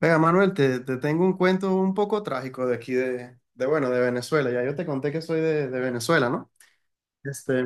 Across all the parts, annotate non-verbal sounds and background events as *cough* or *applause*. Venga, Manuel, te tengo un cuento un poco trágico de aquí de, bueno, de Venezuela. Ya yo te conté que soy de Venezuela, ¿no? Este,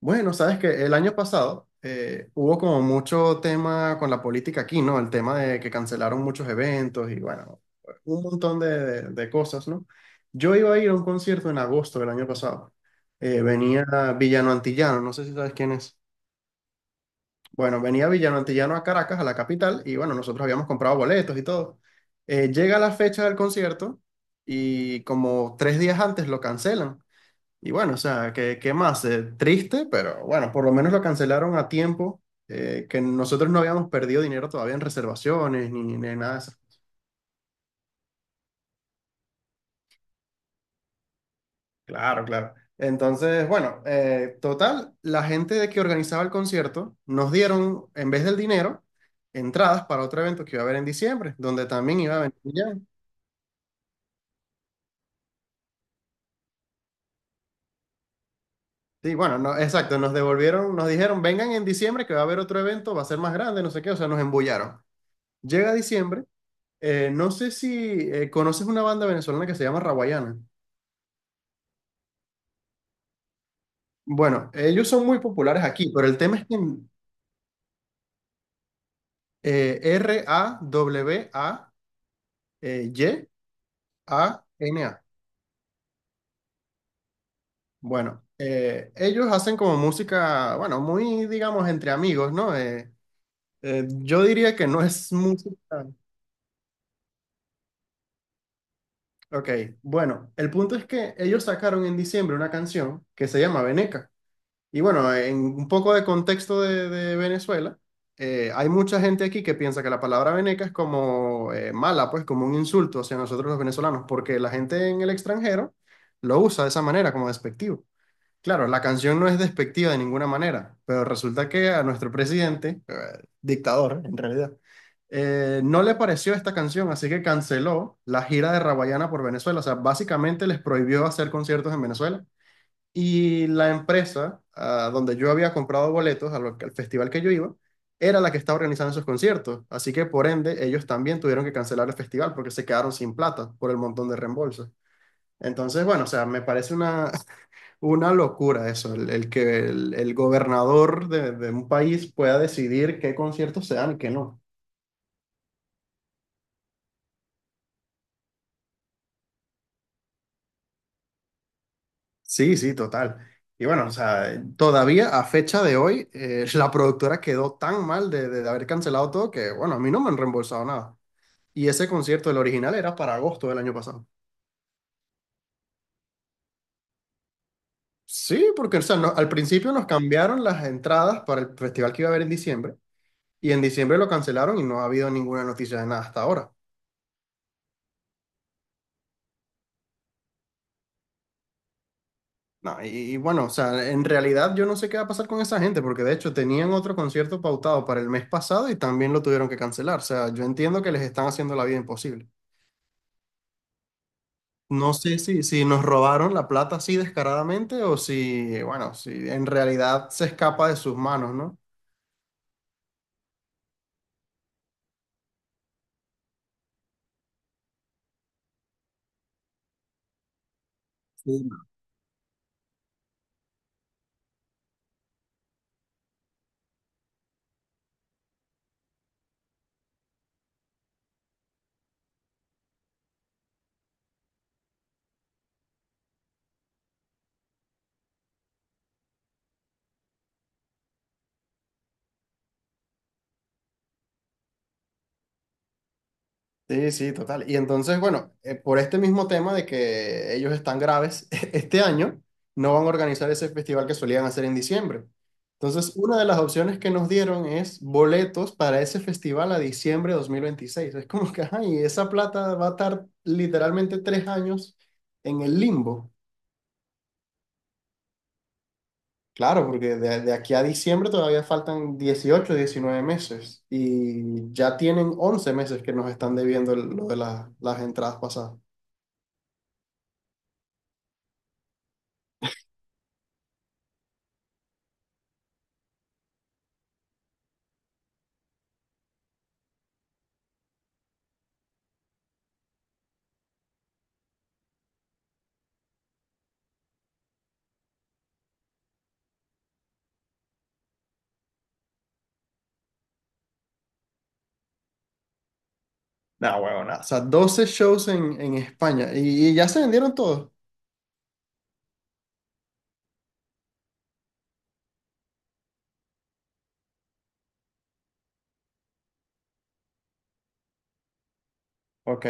bueno, sabes que el año pasado hubo como mucho tema con la política aquí, ¿no? El tema de que cancelaron muchos eventos y bueno, un montón de cosas, ¿no? Yo iba a ir a un concierto en agosto del año pasado. Venía Villano Antillano, no sé si sabes quién es. Bueno, venía Villano Antillano a Caracas, a la capital, y bueno, nosotros habíamos comprado boletos y todo. Llega la fecha del concierto y como tres días antes lo cancelan. Y bueno, o sea, ¿qué más? Triste, pero bueno, por lo menos lo cancelaron a tiempo, que nosotros no habíamos perdido dinero todavía en reservaciones ni nada de eso. Claro, claro. Entonces, bueno, total, la gente de que organizaba el concierto nos dieron, en vez del dinero, entradas para otro evento que iba a haber en diciembre, donde también iba a venir ya. Sí, bueno, no, exacto, nos devolvieron, nos dijeron, vengan en diciembre que va a haber otro evento, va a ser más grande, no sé qué, o sea, nos embullaron. Llega diciembre, no sé si conoces una banda venezolana que se llama Rawayana. Bueno, ellos son muy populares aquí, pero el tema es que eh, Rawayana. Bueno, ellos hacen como música, bueno, muy, digamos, entre amigos, ¿no? Yo diría que no es música. Ok, bueno, el punto es que ellos sacaron en diciembre una canción que se llama Veneca. Y bueno, en un poco de contexto de Venezuela, hay mucha gente aquí que piensa que la palabra veneca es como mala, pues como un insulto hacia nosotros los venezolanos, porque la gente en el extranjero lo usa de esa manera, como despectivo. Claro, la canción no es despectiva de ninguna manera, pero resulta que a nuestro presidente, dictador en realidad, no le pareció esta canción, así que canceló la gira de Rawayana por Venezuela. O sea, básicamente les prohibió hacer conciertos en Venezuela. Y la empresa, ah, donde yo había comprado boletos al festival que yo iba, era la que estaba organizando esos conciertos. Así que por ende, ellos también tuvieron que cancelar el festival porque se quedaron sin plata por el montón de reembolsos. Entonces, bueno, o sea, me parece una locura eso, el que el gobernador de un país pueda decidir qué conciertos se dan y qué no. Sí, sí, total. Y bueno, o sea, todavía a fecha de hoy, la productora quedó tan mal de haber cancelado todo que, bueno, a mí no me han reembolsado nada. Y ese concierto, el original, era para agosto del año pasado. Sí, porque o sea, al principio nos cambiaron las entradas para el festival que iba a haber en diciembre, y en diciembre lo cancelaron y no ha habido ninguna noticia de nada hasta ahora. No, y bueno, o sea, en realidad yo no sé qué va a pasar con esa gente, porque de hecho tenían otro concierto pautado para el mes pasado y también lo tuvieron que cancelar. O sea, yo entiendo que les están haciendo la vida imposible. No sé si, si nos robaron la plata así descaradamente o si, bueno, si en realidad se escapa de sus manos, ¿no? Sí, sí, total. Y entonces, bueno, por este mismo tema de que ellos están graves, *laughs* este año no van a organizar ese festival que solían hacer en diciembre. Entonces, una de las opciones que nos dieron es boletos para ese festival a diciembre de 2026. Es como que, ajá, y esa plata va a estar literalmente 3 años en el limbo. Claro, porque de aquí a diciembre todavía faltan 18, 19 meses y ya tienen 11 meses que nos están debiendo lo de las entradas pasadas. Nah, huevón, nah. O sea, 12 shows en España y ya se vendieron todos. Ok,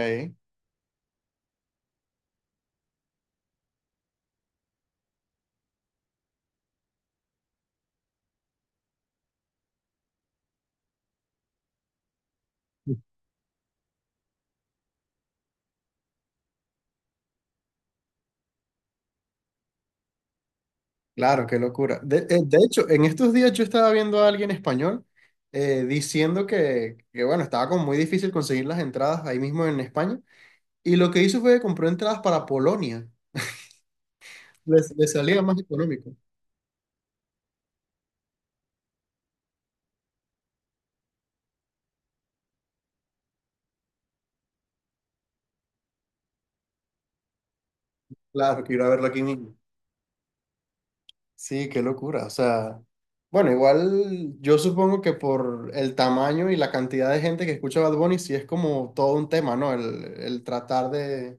claro, qué locura. De hecho, en estos días yo estaba viendo a alguien español diciendo que, bueno, estaba como muy difícil conseguir las entradas ahí mismo en España. Y lo que hizo fue que compró entradas para Polonia. Les salía más económico. Claro, quiero verlo aquí mismo. Sí, qué locura. O sea, bueno, igual yo supongo que por el tamaño y la cantidad de gente que escucha Bad Bunny, sí es como todo un tema, ¿no? El tratar de,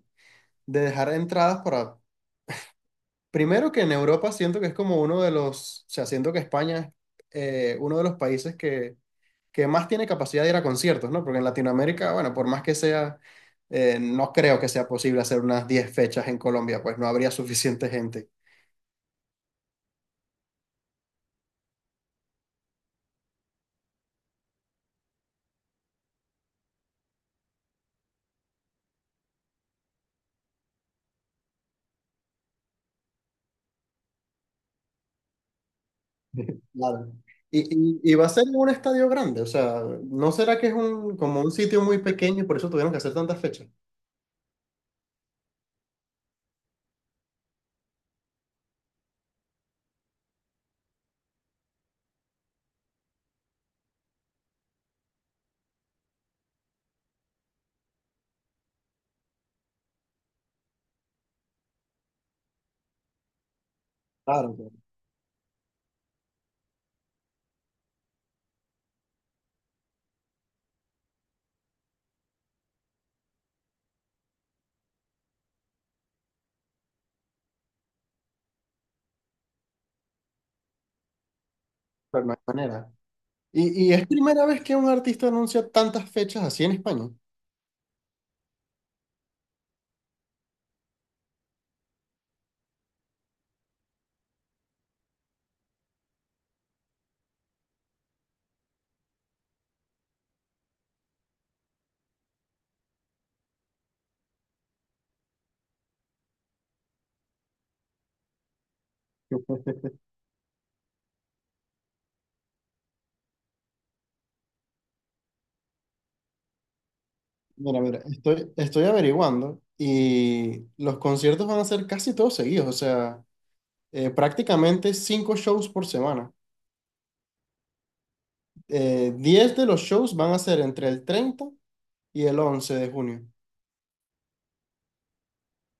de dejar entradas para... Primero que en Europa siento que es como o sea, siento que España es uno de los países que más tiene capacidad de ir a conciertos, ¿no? Porque en Latinoamérica, bueno, por más que sea, no creo que sea posible hacer unas 10 fechas en Colombia, pues no habría suficiente gente. Claro. Y va a ser en un estadio grande, o sea, ¿no será que es como un sitio muy pequeño y por eso tuvieron que hacer tantas fechas? Claro, claro, pero no hay manera. Y es primera vez que un artista anuncia tantas fechas así en España. Mira, mira, estoy averiguando y los conciertos van a ser casi todos seguidos, o sea, prácticamente cinco shows por semana. 10 de los shows van a ser entre el 30 y el 11 de junio,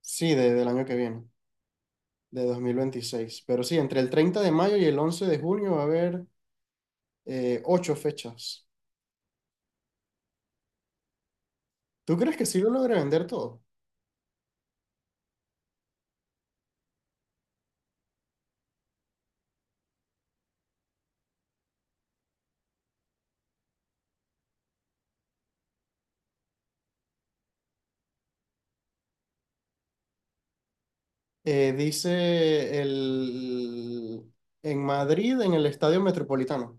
sí, del año que viene. De 2026. Pero sí, entre el 30 de mayo y el 11 de junio va a haber ocho fechas. ¿Tú crees que sí lo logre vender todo? Dice en Madrid, en el Estadio Metropolitano.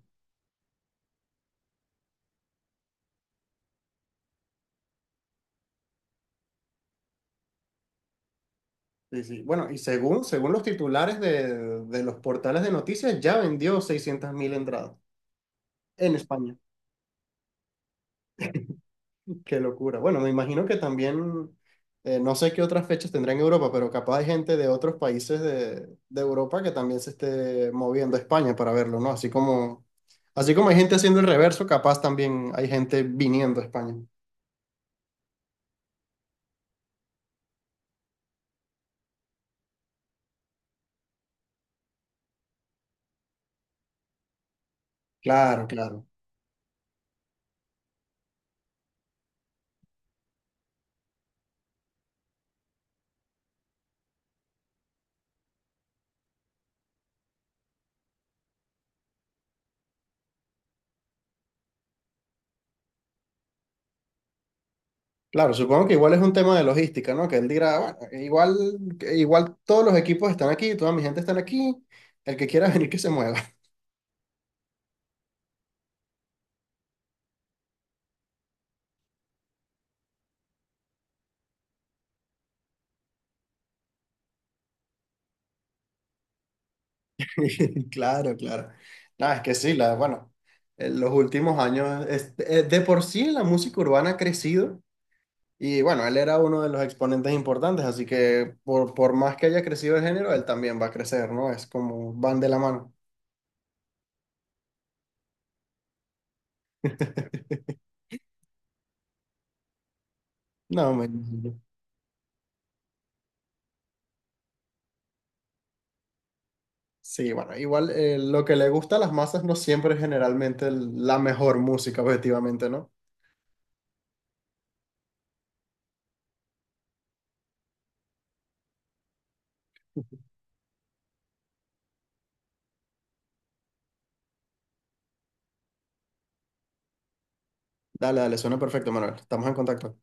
Sí, sí. Bueno, y según los titulares de los portales de noticias, ya vendió 600.000 entradas en España. Qué locura. Bueno, me imagino que también, no sé qué otras fechas tendrá en Europa, pero capaz hay gente de otros países de Europa que también se esté moviendo a España para verlo, ¿no? Así como hay gente haciendo el reverso, capaz también hay gente viniendo a España. Claro, claro. Claro, supongo que igual es un tema de logística, ¿no? Que él dirá, bueno, igual, todos los equipos están aquí, toda mi gente está aquí, el que quiera *laughs* venir que se mueva. *laughs* Claro, claro. No, es que sí, la, bueno, en los últimos años, es de por sí la música urbana ha crecido y bueno, él era uno de los exponentes importantes, así que por más que haya crecido el género, él también va a crecer, ¿no? Es como van de la mano. No, me... Sí, bueno, igual lo que le gusta a las masas no siempre es generalmente el- la mejor música, objetivamente, ¿no? Dale, dale, suena perfecto, Manuel. Estamos en contacto.